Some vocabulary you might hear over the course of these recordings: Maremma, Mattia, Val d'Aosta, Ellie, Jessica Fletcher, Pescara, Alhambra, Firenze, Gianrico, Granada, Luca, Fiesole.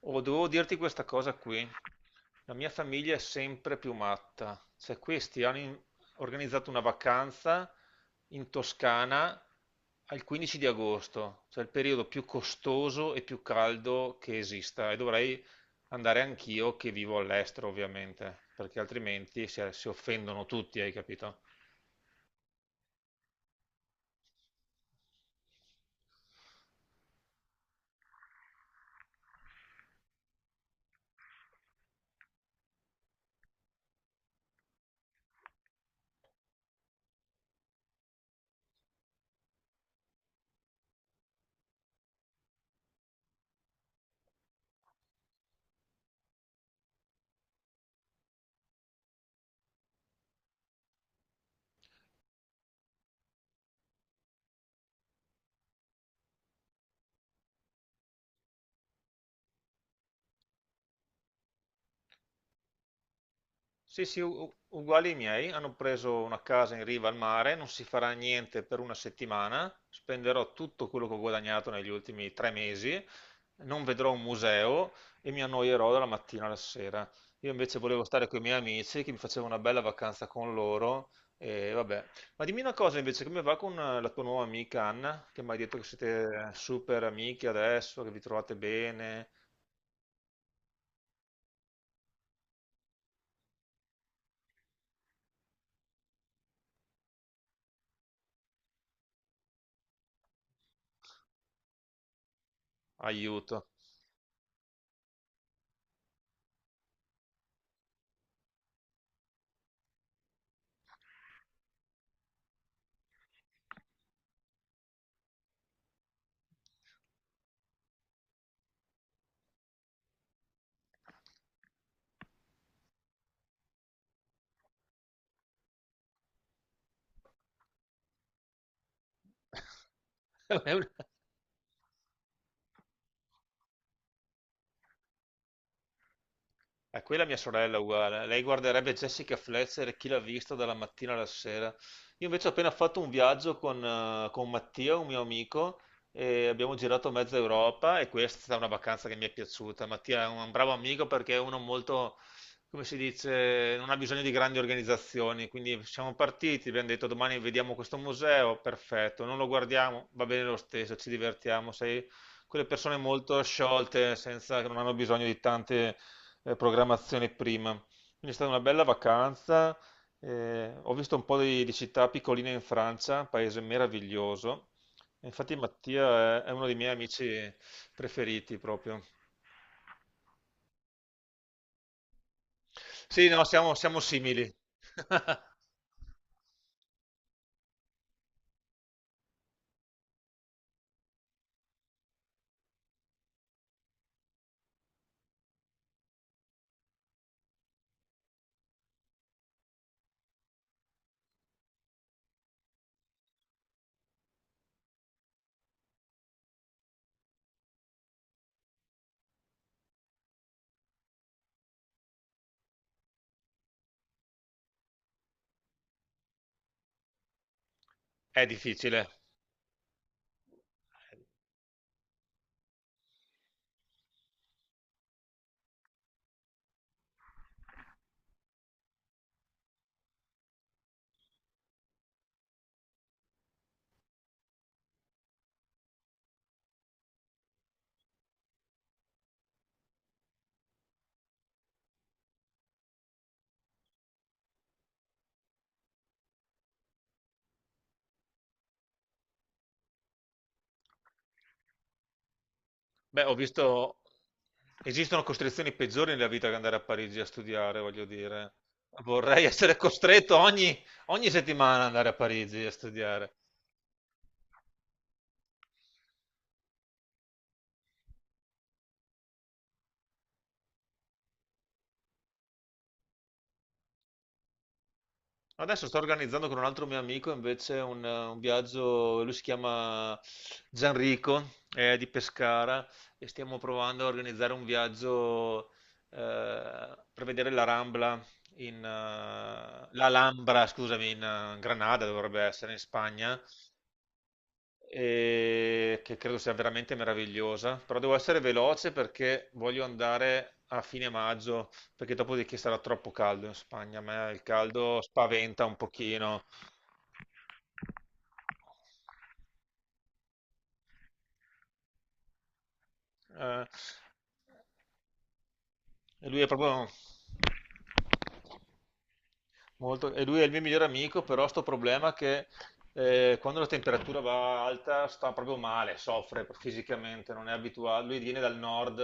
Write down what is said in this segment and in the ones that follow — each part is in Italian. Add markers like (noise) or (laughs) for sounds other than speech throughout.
Oh, devo dirti questa cosa qui. La mia famiglia è sempre più matta. Cioè, questi hanno organizzato una vacanza in Toscana al 15 di agosto, cioè il periodo più costoso e più caldo che esista. E dovrei andare anch'io che vivo all'estero, ovviamente, perché altrimenti si offendono tutti, hai capito? Sì, sì, uguali ai miei, hanno preso una casa in riva al mare, non si farà niente per una settimana, spenderò tutto quello che ho guadagnato negli ultimi 3 mesi, non vedrò un museo e mi annoierò dalla mattina alla sera. Io invece volevo stare con i miei amici, che mi facevo una bella vacanza con loro e vabbè. Ma dimmi una cosa invece, come va con la tua nuova amica Anna, che mi hai detto che siete super amiche adesso, che vi trovate bene? Aiuto. (laughs) È un- È quella mia sorella è uguale, lei guarderebbe Jessica Fletcher e chi l'ha vista dalla mattina alla sera. Io invece ho appena fatto un viaggio con Mattia, un mio amico, e abbiamo girato mezza Europa e questa è stata una vacanza che mi è piaciuta. Mattia è un bravo amico perché è uno molto, come si dice, non ha bisogno di grandi organizzazioni, quindi siamo partiti, abbiamo detto domani vediamo questo museo, perfetto, non lo guardiamo, va bene lo stesso, ci divertiamo, sei quelle persone molto sciolte, senza, che non hanno bisogno di tante programmazione prima. Quindi è stata una bella vacanza. Ho visto un po' di città piccoline in Francia, un paese meraviglioso. E infatti Mattia è uno dei miei amici preferiti proprio. Sì, no, siamo simili. (laughs) È difficile. Beh, ho visto. Esistono costrizioni peggiori nella vita che andare a Parigi a studiare, voglio dire. Vorrei essere costretto ogni settimana ad andare a Parigi a studiare. Adesso sto organizzando con un altro mio amico invece un viaggio, lui si chiama Gianrico, è di Pescara e stiamo provando a organizzare un viaggio per vedere la Rambla, in, l'Alhambra, scusami, in Granada dovrebbe essere, in Spagna, e che credo sia veramente meravigliosa, però devo essere veloce perché voglio andare a fine maggio perché dopodiché sarà troppo caldo in Spagna. A me il caldo spaventa un pochino. eh, e lui è proprio molto, e lui è il mio migliore amico, però sto problema che quando la temperatura va alta sta proprio male, soffre fisicamente, non è abituato, lui viene dal nord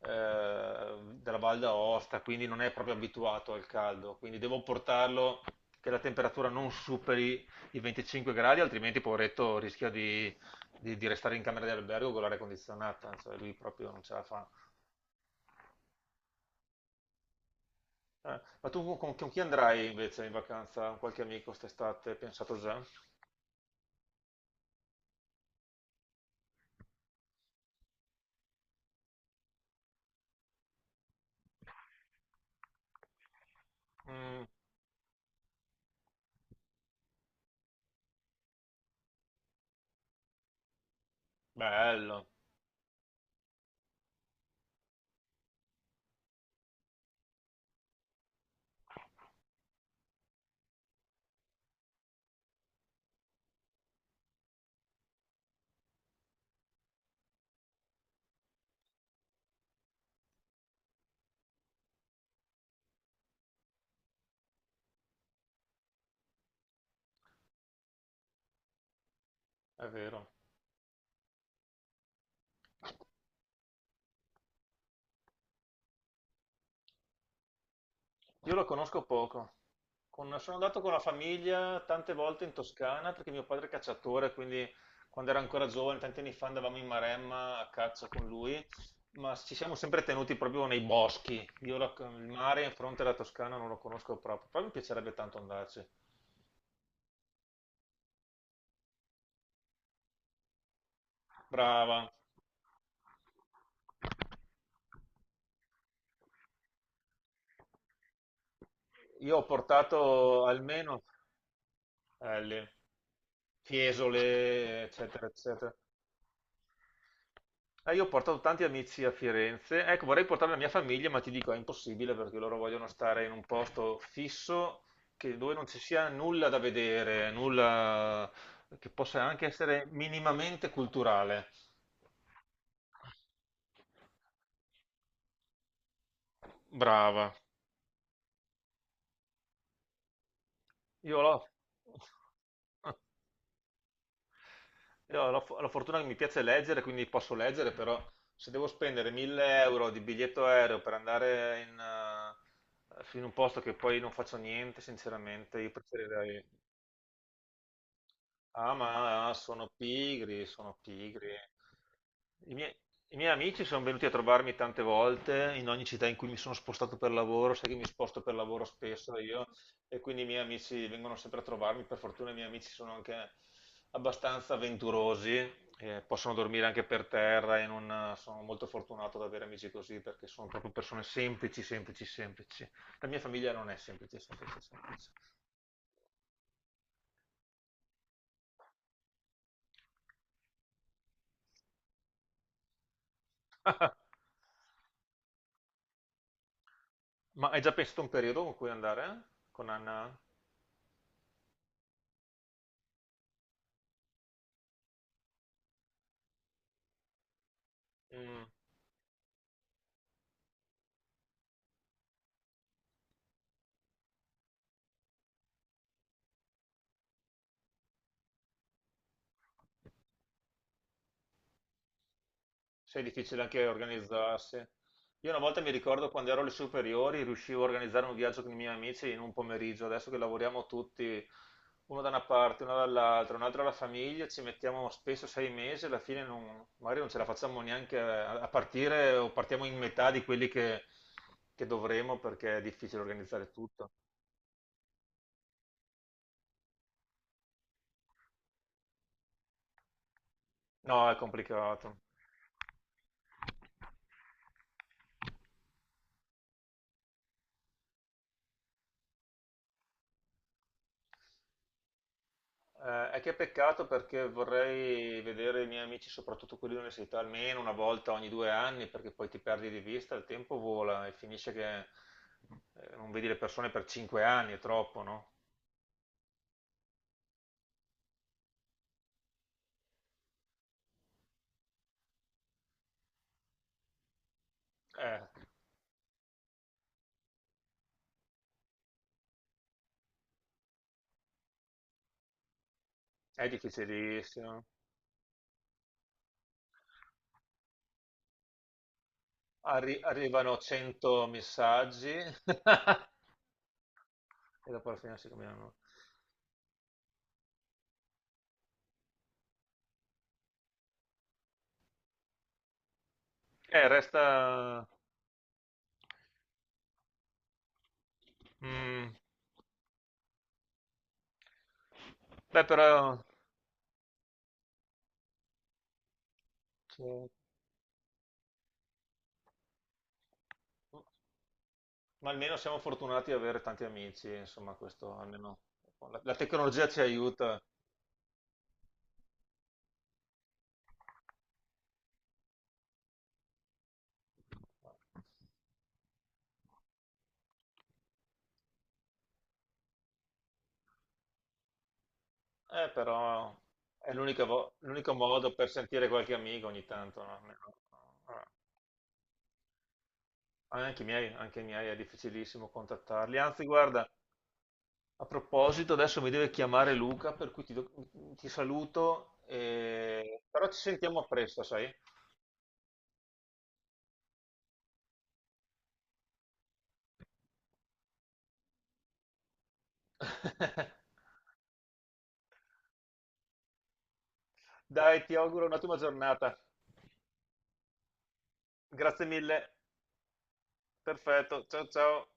della Val d'Aosta, quindi non è proprio abituato al caldo, quindi devo portarlo che la temperatura non superi i 25 gradi, altrimenti poveretto rischia di restare in camera di albergo con l'aria condizionata, cioè lui proprio non ce la fa. Ma tu con chi andrai invece in vacanza? Con qualche amico quest'estate? Pensato già? Mm, bello, è vero. Io lo conosco poco. Sono andato con la famiglia tante volte in Toscana perché mio padre è cacciatore, quindi quando era ancora giovane, tanti anni fa, andavamo in Maremma a caccia con lui, ma ci siamo sempre tenuti proprio nei boschi. Io il mare in fronte alla Toscana non lo conosco proprio, però mi piacerebbe tanto andarci. Brava. Io ho portato almeno Ellie, Fiesole, eccetera, eccetera. Io ho portato tanti amici a Firenze. Ecco, vorrei portare la mia famiglia, ma ti dico è impossibile perché loro vogliono stare in un posto fisso che- dove non ci sia nulla da vedere, nulla che possa anche essere minimamente culturale. Brava. Io l'ho. (laughs) Io ho la, la fortuna che mi piace leggere, quindi posso leggere, però se devo spendere 1000 euro di biglietto aereo per andare in un posto che poi non faccio niente, sinceramente, io preferirei. Ah, ma sono pigri, sono pigri. I miei, i miei amici sono venuti a trovarmi tante volte in ogni città in cui mi sono spostato per lavoro, sai che mi sposto per lavoro spesso io, e quindi i miei amici vengono sempre a trovarmi. Per fortuna i miei amici sono anche abbastanza avventurosi, possono dormire anche per terra e non, sono molto fortunato ad avere amici così perché sono proprio persone semplici, semplici, semplici. La mia famiglia non è semplice, semplice, semplice. (laughs) Ma hai già pensato un periodo con cui andare con Anna? Mm, sai, è difficile anche organizzarsi. Io una volta mi ricordo quando ero alle superiori, riuscivo a organizzare un viaggio con i miei amici in un pomeriggio. Adesso che lavoriamo tutti, uno da una parte, uno dall'altra, un altro alla famiglia, ci mettiamo spesso 6 mesi, alla fine non- magari non ce la facciamo neanche a partire o partiamo in metà di quelli che dovremo perché è difficile organizzare tutto. No, è complicato. È che peccato perché vorrei vedere i miei amici, soprattutto quelli dell'università, almeno una volta ogni 2 anni, perché poi ti perdi di vista, il tempo vola e finisce che non vedi le persone per 5 anni, è troppo, no? Eh, è difficilissimo. Arrivano 100 messaggi (laughs) e dopo alla fine si cambiano. Resta. Mm. Beh, però. Sì. Ma almeno siamo fortunati ad avere tanti amici, insomma, questo almeno la tecnologia ci aiuta. Però è l'unica l'unico modo per sentire qualche amico ogni tanto, no? Almeno. eh, anche i miei è difficilissimo contattarli. Anzi, guarda, a proposito, adesso mi deve chiamare Luca, per cui ti saluto, però ci sentiamo presto, sai? (laughs) Dai, ti auguro un'ottima giornata. Grazie mille. Perfetto, ciao ciao.